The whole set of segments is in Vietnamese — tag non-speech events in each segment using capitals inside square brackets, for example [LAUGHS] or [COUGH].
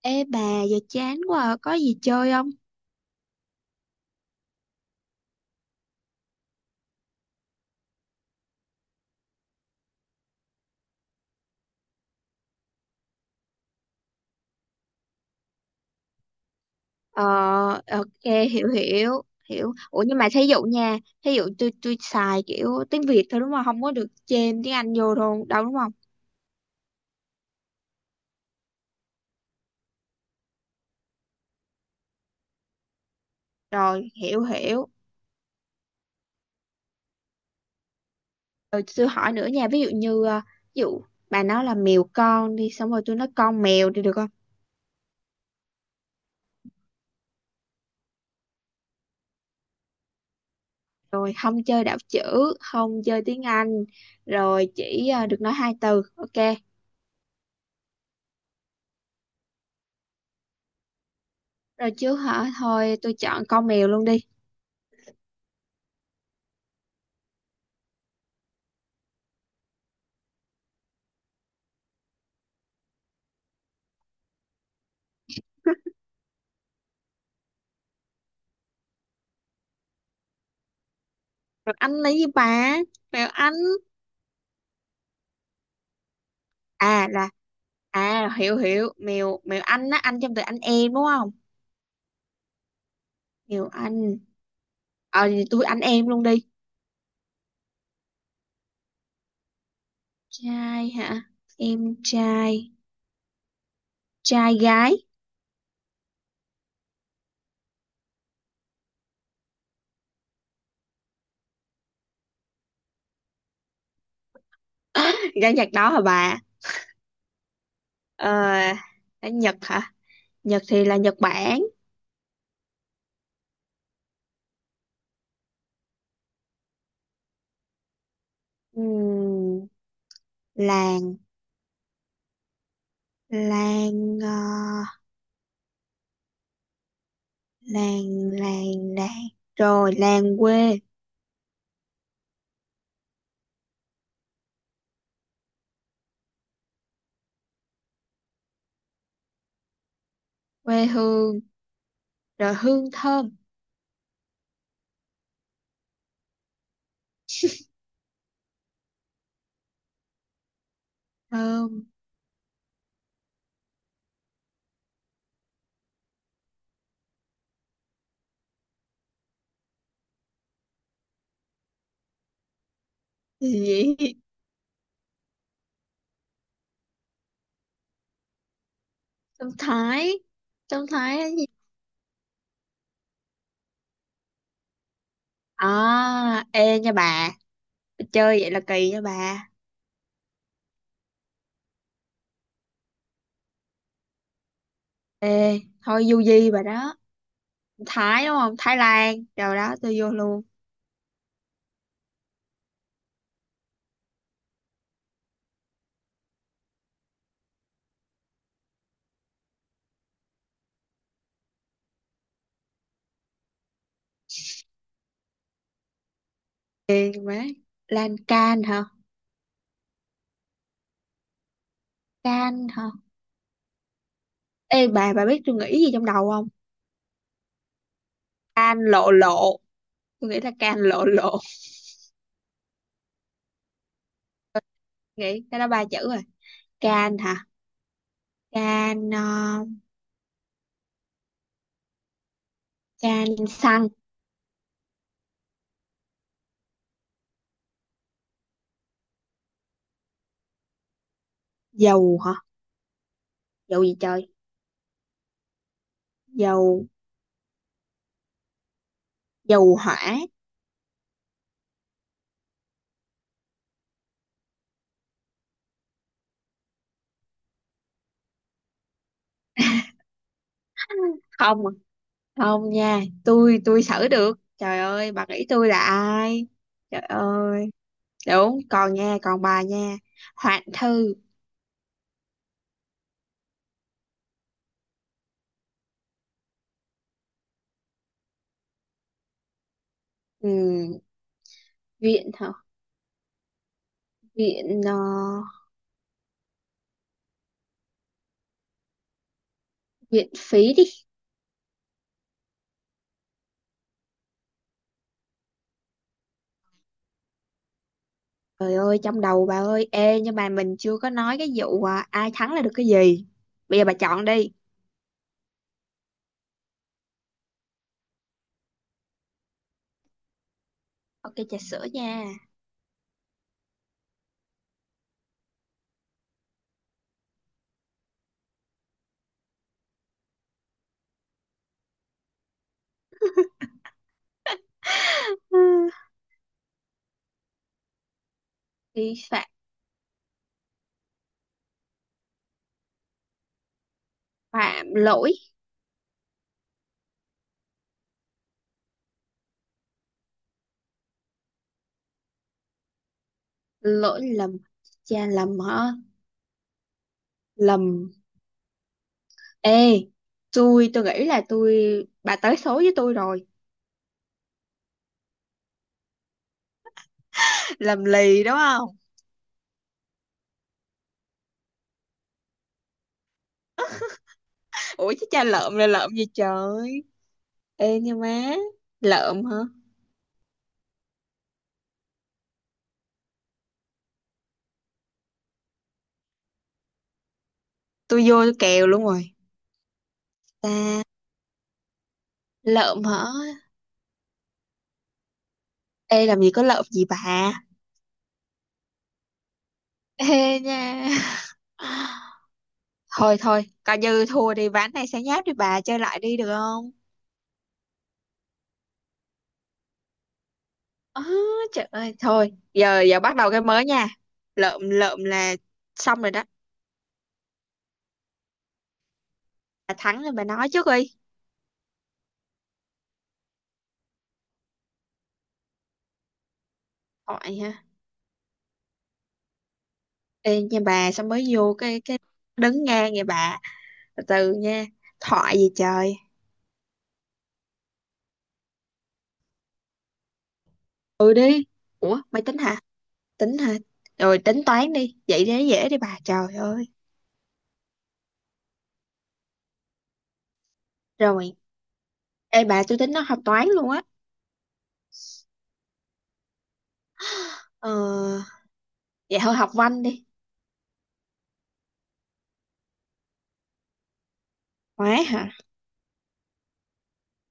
Ê bà giờ chán quá à, có gì chơi không? Ờ ok hiểu hiểu hiểu. Ủa nhưng mà thí dụ nha, thí dụ tôi xài kiểu tiếng Việt thôi đúng không? Không có được chêm tiếng Anh vô đâu đâu đúng không? Rồi hiểu hiểu. Rồi tôi hỏi nữa nha, ví dụ như ví dụ bà nói là mèo con đi xong rồi tôi nói con mèo thì được không? Rồi không chơi đảo chữ, không chơi tiếng Anh, rồi chỉ được nói hai từ. Ok. Rồi chứ hả? Thôi tôi chọn con mèo luôn đi. Rồi anh lấy gì bà? Mèo anh. À là à, hiểu hiểu mèo mèo anh á, anh trong từ anh em đúng không? Mèo anh. Ờ thì tôi anh em luôn đi. Trai hả? Em trai. Trai gái. [LAUGHS] Gái Nhật đó hả bà? Ờ, ở Nhật hả? Nhật thì là Nhật Bản. Ừm, làng. Làng làng, làng, rồi làng quê. Quê hương, rồi hương thơm. Thơm gì vậy? Thơm Thái. Thơm Thái. À, ê nha bà, chơi vậy là kỳ nha bà. Ê, thôi du di bà đó. Thái đúng không? Thái Lan. Rồi đó, tôi vô luôn. Ê, má. Lan can hả? Can hả? Ê bà biết tôi nghĩ gì trong đầu không? Can lộ lộ. Tôi nghĩ là can lộ lộ. Nghĩ cái đó ba chữ rồi. Can hả? Can, can xăng. Dầu hả? Dầu gì trời? Dầu, dầu hỏa. [LAUGHS] Không à. Không nha, tôi xử được, trời ơi bà nghĩ tôi là ai. Trời ơi, đúng còn nha, còn bà nha. Hoạn thư. Ừ, viện hả? Viện viện phí đi. Trời ơi trong đầu bà ơi, ê nhưng mà mình chưa có nói cái vụ ai thắng là được cái gì. Bây giờ bà chọn đi. Ok trà sữa nha. [LAUGHS] Vi phạm. Phạm lỗi. Lỗi lầm. Cha lầm hả? Lầm. Ê, tôi nghĩ là tôi, bà tới số với tôi rồi. Làm lì đúng không? Ủa chứ cha lợm là lợm gì trời? Ê nha má, lợm hả? Tôi vô tôi kèo luôn rồi. Ta, lợm hả? Ê làm gì có lợm gì bà? Ê nha. [LAUGHS] Thôi thôi, coi như thua đi ván này, sáng nháp đi bà, chơi lại đi được không? Ờ, trời ơi, thôi, giờ giờ bắt đầu cái mới nha. Lợm lợm là xong rồi đó. Bà thắng rồi bà nói trước đi. Hỏi. Ê nha bà sao mới vô cái đứng ngang vậy bà, từ từ nha. Thoại gì trời? Ừ đi. Ủa mày tính hả? Tính hả? Rồi tính toán đi, vậy dễ dễ đi bà, trời ơi. Rồi, ê bà tôi tính nó học toán luôn á. Ờ, vậy thôi học văn đi. Hóa hả?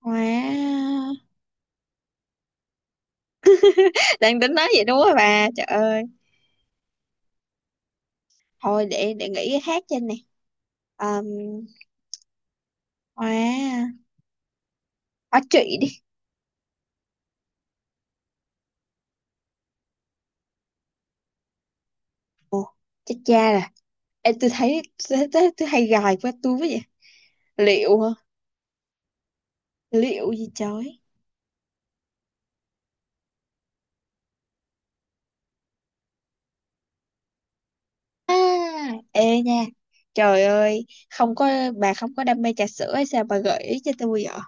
Hóa. [LAUGHS] Đang tính nói vậy, đúng rồi bà, trời ơi. Thôi để nghĩ cái khác trên này. um, hóa, hóa trị đi. Ồ, chết cha rồi. Ê tôi thấy, tôi hay gài qua tôi với vậy. Liệu hả? Liệu gì trời? À, ê nha, trời ơi không có, bà không có đam mê trà sữa hay sao bà gợi ý cho tôi vậy?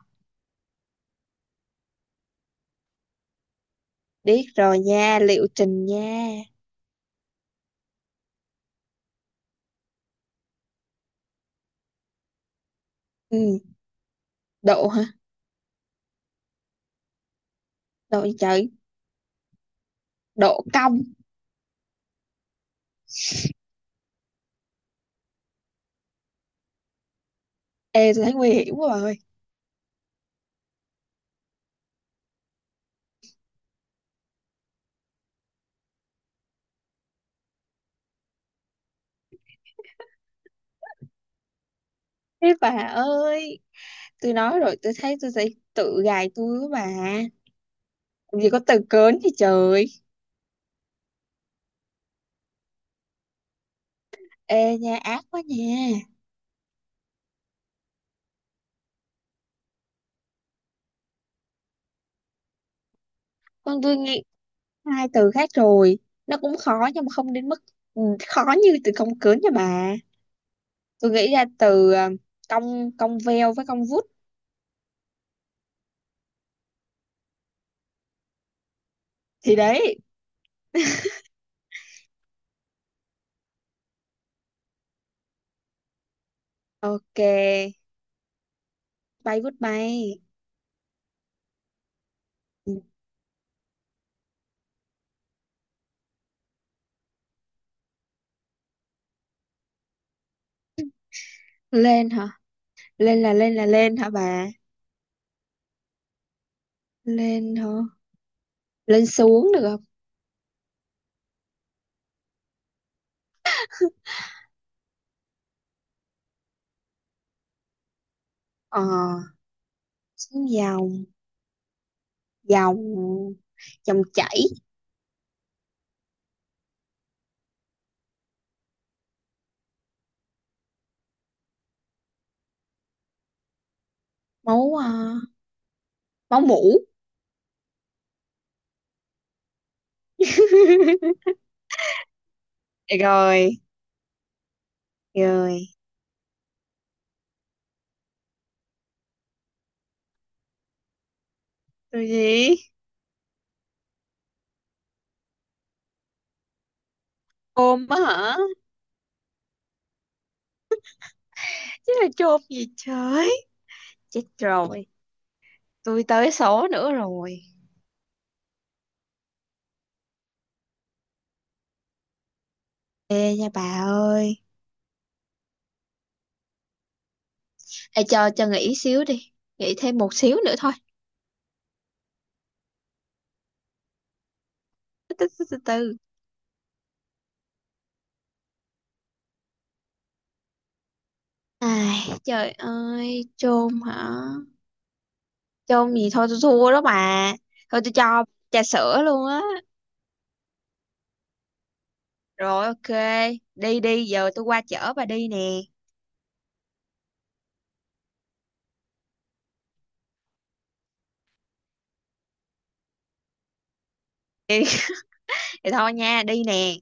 Biết rồi nha, liệu trình nha. Ừ, độ hả? Độ gì trời? Độ cong. Ê tôi thấy nguy hiểm quá bà ơi. Thế [LAUGHS] bà ơi, tôi nói rồi, tôi thấy tôi sẽ tự gài tôi mà. Làm gì có từ cớn gì trời. Ê nha, ác quá nha. Con tôi nghĩ hai từ khác rồi, nó cũng khó nhưng mà không đến mức, ừ, khó như từ cong cớn nha bà. Tôi nghĩ ra từ cong, cong veo với cong vút. Thì đấy. Ok. Bay vút bay. Ừ. Lên hả? Lên hả bà? Lên hả? Lên xuống được không? Ờ, xuống dòng. Dòng, dòng chảy. Máu, máu mủ. [LAUGHS] Được rồi. Rồi từ gì? Ôm á hả? Chứ là chôn gì trời? Chết rồi, tôi tới số nữa rồi. Ê nha bà ơi, ê cho nghỉ xíu đi, nghỉ thêm một xíu nữa thôi. Từ từ từ từ từ. Ai trời ơi, chôn hả? Chôn gì, thôi tôi thua đó bà. Thôi tôi cho trà sữa luôn á. Rồi ok, đi đi, giờ tôi qua chở bà đi nè. Thì thôi nha, đi nè.